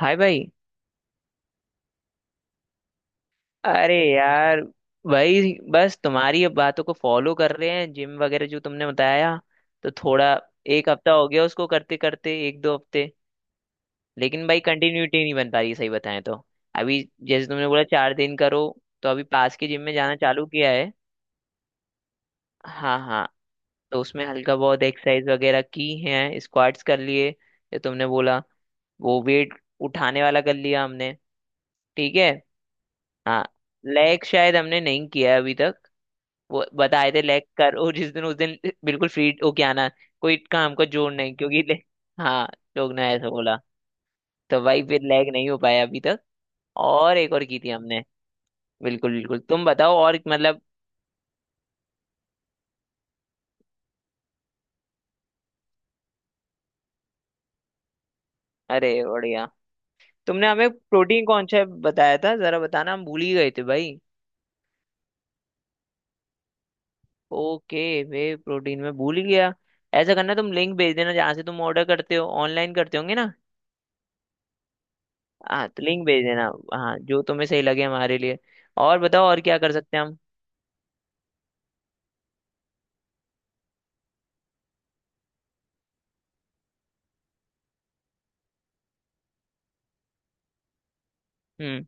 हाय भाई। अरे यार। भाई बस तुम्हारी अब बातों को फॉलो कर रहे हैं जिम वगैरह जो तुमने बताया। तो थोड़ा एक हफ्ता हो गया उसको करते करते एक दो हफ्ते। लेकिन भाई कंटिन्यूटी नहीं बन पा रही सही बताएं तो। अभी जैसे तुमने बोला 4 दिन करो। तो अभी पास के जिम में जाना चालू किया है। हाँ हाँ। तो उसमें हल्का बहुत एक्सरसाइज वगैरह की है स्क्वाट्स कर लिए जो तुमने बोला। वो वेट उठाने वाला कर लिया हमने। ठीक है। हाँ। लेग शायद हमने नहीं किया है अभी तक। वो बताए थे लेग कर और जिस दिन उस दिन बिल्कुल फ्री होके आना कोई काम को जोड़ नहीं क्योंकि हाँ। लोग ने ऐसा बोला। तो भाई फिर लेग नहीं हो पाया अभी तक। और एक और की थी हमने। बिल्कुल बिल्कुल तुम बताओ और मतलब। अरे बढ़िया। तुमने हमें प्रोटीन कौन सा बताया था जरा बताना हम भूल ही गए थे भाई। ओके वे प्रोटीन में भूल ही गया। ऐसा करना तुम लिंक भेज देना जहाँ से तुम ऑर्डर करते हो ऑनलाइन करते होंगे ना। हाँ तो लिंक भेज देना। हाँ जो तुम्हें सही लगे हमारे लिए। और बताओ और क्या कर सकते हैं हम। हम्म।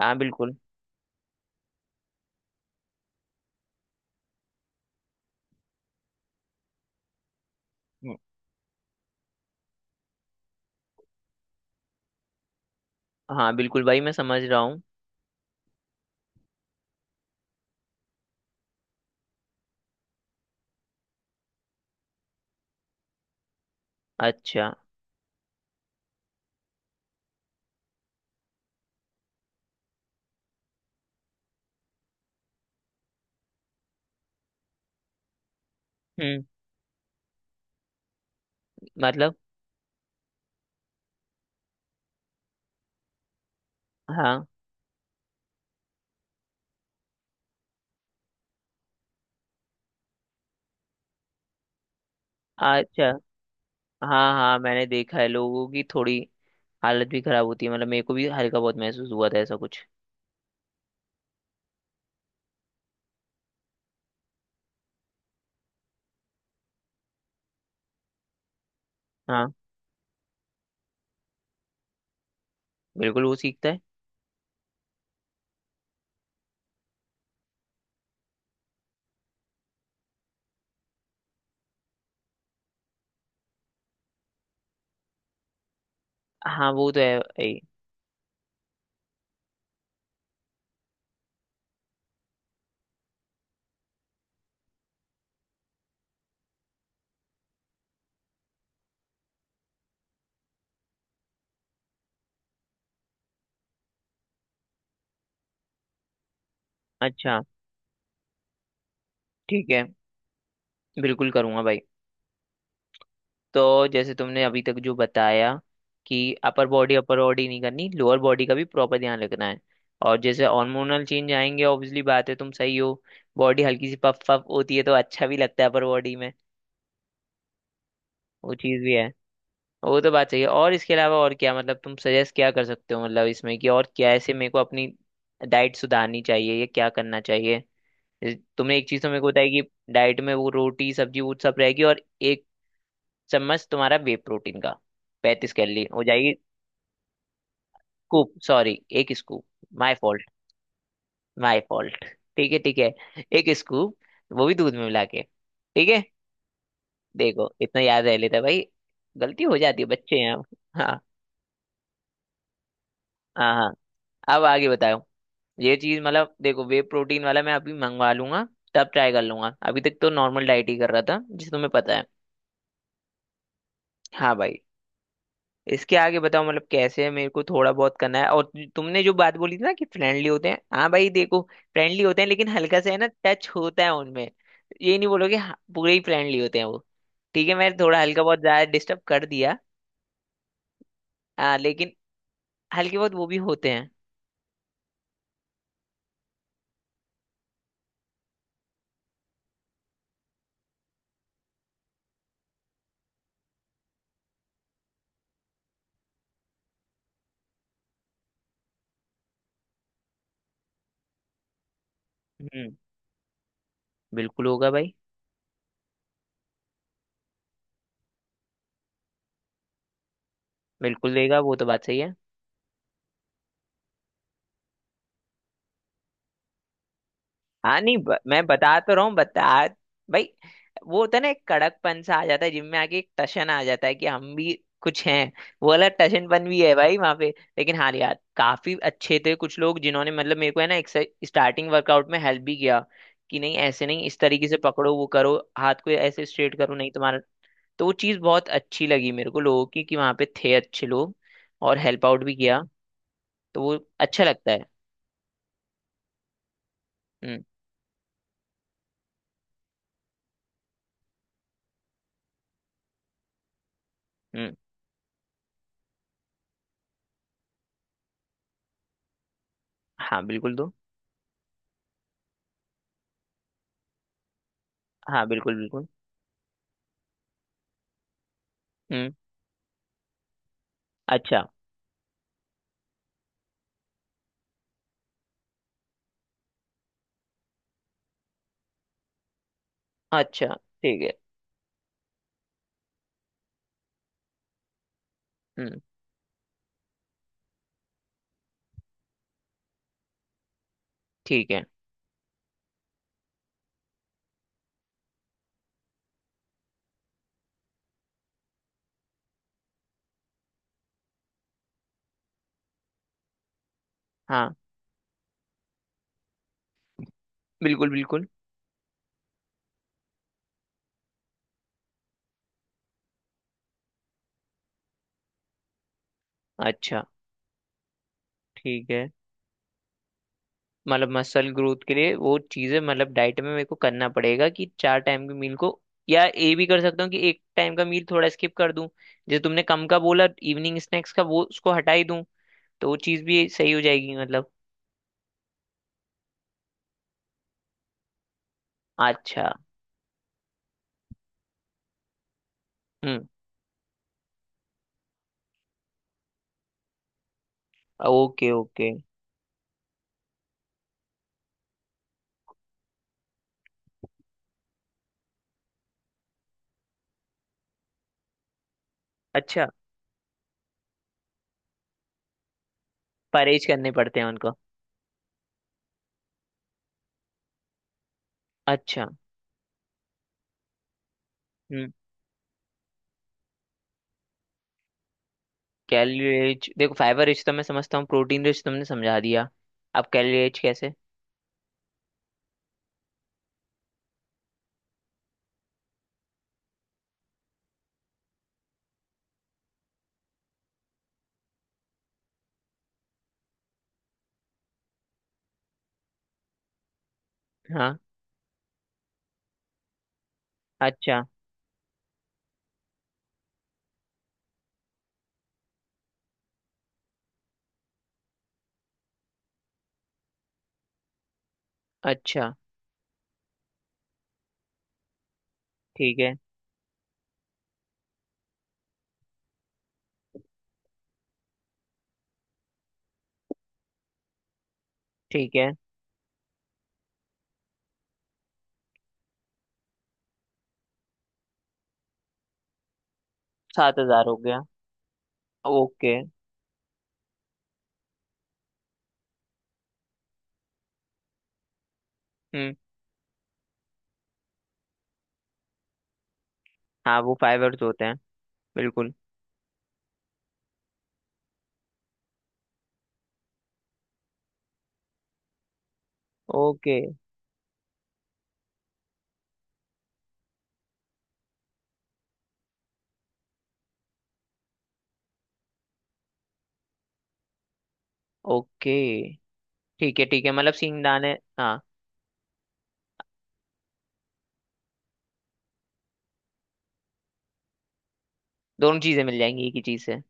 हाँ बिल्कुल। हाँ बिल्कुल भाई मैं समझ रहा हूँ। अच्छा। हम्म। मतलब। हाँ। अच्छा। हाँ हाँ मैंने देखा है लोगों की थोड़ी हालत भी खराब होती है मतलब मेरे को भी हल्का बहुत महसूस हुआ था ऐसा कुछ। हाँ बिल्कुल वो सीखता है। हाँ वो तो है भाई। अच्छा। ठीक है। बिल्कुल करूँगा भाई। तो जैसे तुमने अभी तक जो बताया कि अपर बॉडी नहीं करनी लोअर बॉडी का भी प्रॉपर ध्यान रखना है। और जैसे हार्मोनल चेंज आएंगे ऑब्वियसली बात है तुम सही हो। बॉडी हल्की सी पफ पफ होती है तो अच्छा भी लगता है अपर बॉडी में। वो चीज़ भी है। वो तो बात सही है और इसके अलावा और क्या मतलब तुम सजेस्ट क्या कर सकते हो मतलब इसमें कि और क्या ऐसे मेरे को अपनी डाइट सुधारनी चाहिए या क्या करना चाहिए। जैसे तुमने एक चीज़ तो मेरे को बताई कि डाइट में वो रोटी सब्जी वो सब रहेगी और एक चम्मच तुम्हारा वे प्रोटीन का 35 कैलोरी हो जाएगी। Scoop sorry. एक scoop. My fault. My fault. ठीक है ठीक है। एक स्कूप वो भी दूध में मिला के। ठीक है। देखो इतना याद रह लेता है भाई गलती हो जाती है बच्चे हैं हम। हाँ हाँ हाँ। अब आगे बताओ। ये चीज मतलब देखो वे प्रोटीन वाला मैं अभी मंगवा लूंगा। तब ट्राई कर लूंगा अभी तक तो नॉर्मल डाइट ही कर रहा था जिसे तुम्हें पता है। हाँ भाई। इसके आगे बताओ मतलब कैसे है मेरे को थोड़ा बहुत करना है और तुमने जो बात बोली थी ना कि फ्रेंडली होते हैं हाँ भाई देखो। फ्रेंडली होते हैं लेकिन हल्का सा है ना टच होता है उनमें। ये नहीं बोलोगे हाँ, पूरे ही फ्रेंडली होते हैं वो। ठीक है मैंने थोड़ा हल्का बहुत ज्यादा डिस्टर्ब कर दिया। हाँ लेकिन हल्के बहुत वो भी होते हैं। हम्म। बिल्कुल होगा भाई। बिल्कुल देगा वो तो बात सही है। हाँ नहीं मैं बता तो रहा हूँ बता भाई। वो होता है ना एक कड़कपन सा आ जाता है जिम में आके एक टशन आ जाता है कि हम भी कुछ हैं। वो वाला टशनपन भी है भाई वहां पे। लेकिन हाँ यार काफी अच्छे थे कुछ लोग जिन्होंने मतलब मेरे को है ना एक स्टार्टिंग वर्कआउट में हेल्प भी किया कि नहीं ऐसे नहीं इस तरीके से पकड़ो वो करो हाथ को ऐसे स्ट्रेट करो नहीं तुम्हारा। तो वो चीज़ बहुत अच्छी लगी मेरे को लोगों की कि वहां पे थे अच्छे लोग। और हेल्प आउट भी किया। तो वो अच्छा लगता है। हम्म हम्म। हाँ बिल्कुल दो। हाँ बिल्कुल बिल्कुल। हम्म। अच्छा। अच्छा। ठीक है। हम्म। ठीक है। हाँ बिल्कुल बिल्कुल। अच्छा। ठीक है मतलब मसल ग्रोथ के लिए वो चीज़ें मतलब डाइट में मेरे को करना पड़ेगा कि चार टाइम के मील को या ये भी कर सकता हूँ कि एक टाइम का मील थोड़ा स्किप कर दूं जैसे तुमने कम का बोला इवनिंग स्नैक्स का वो उसको हटा ही दूं तो वो चीज़ भी सही हो जाएगी मतलब। अच्छा। हम्म। Okay okay. अच्छा। परहेज करने पड़ते हैं उनको। अच्छा। हम्म। कैलोरी रिच देखो फाइबर रिच तो मैं समझता हूँ प्रोटीन रिच तुमने समझा दिया अब कैलोरी रिच कैसे। हाँ। अच्छा। अच्छा। ठीक है ठीक है। 7,000 हो गया। ओके। हम्म। हाँ वो फाइबर्स होते हैं। बिल्कुल। ओके। ओके ठीक है मतलब सिंगदाने। हाँ। दोनों चीजें मिल जाएंगी एक ही चीज से।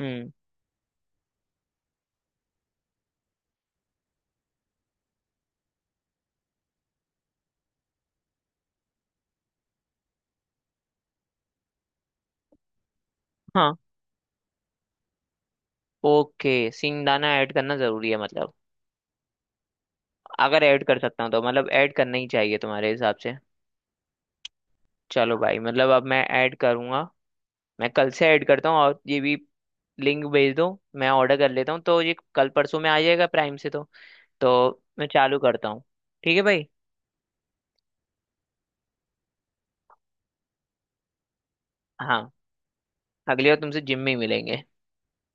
हम्म। हाँ ओके सिंगदाना ऐड करना जरूरी है मतलब अगर ऐड कर सकता हूँ तो मतलब ऐड करना ही चाहिए तुम्हारे हिसाब से। चलो भाई मतलब अब मैं ऐड करूंगा। मैं कल से ऐड करता हूँ और ये भी लिंक भेज दो। मैं ऑर्डर कर लेता हूँ तो ये कल परसों में आ जाएगा प्राइम से तो मैं चालू करता हूँ। ठीक है भाई। हाँ अगली बार तुमसे जिम में ही मिलेंगे।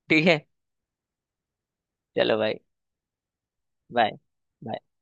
ठीक है। चलो भाई बाय।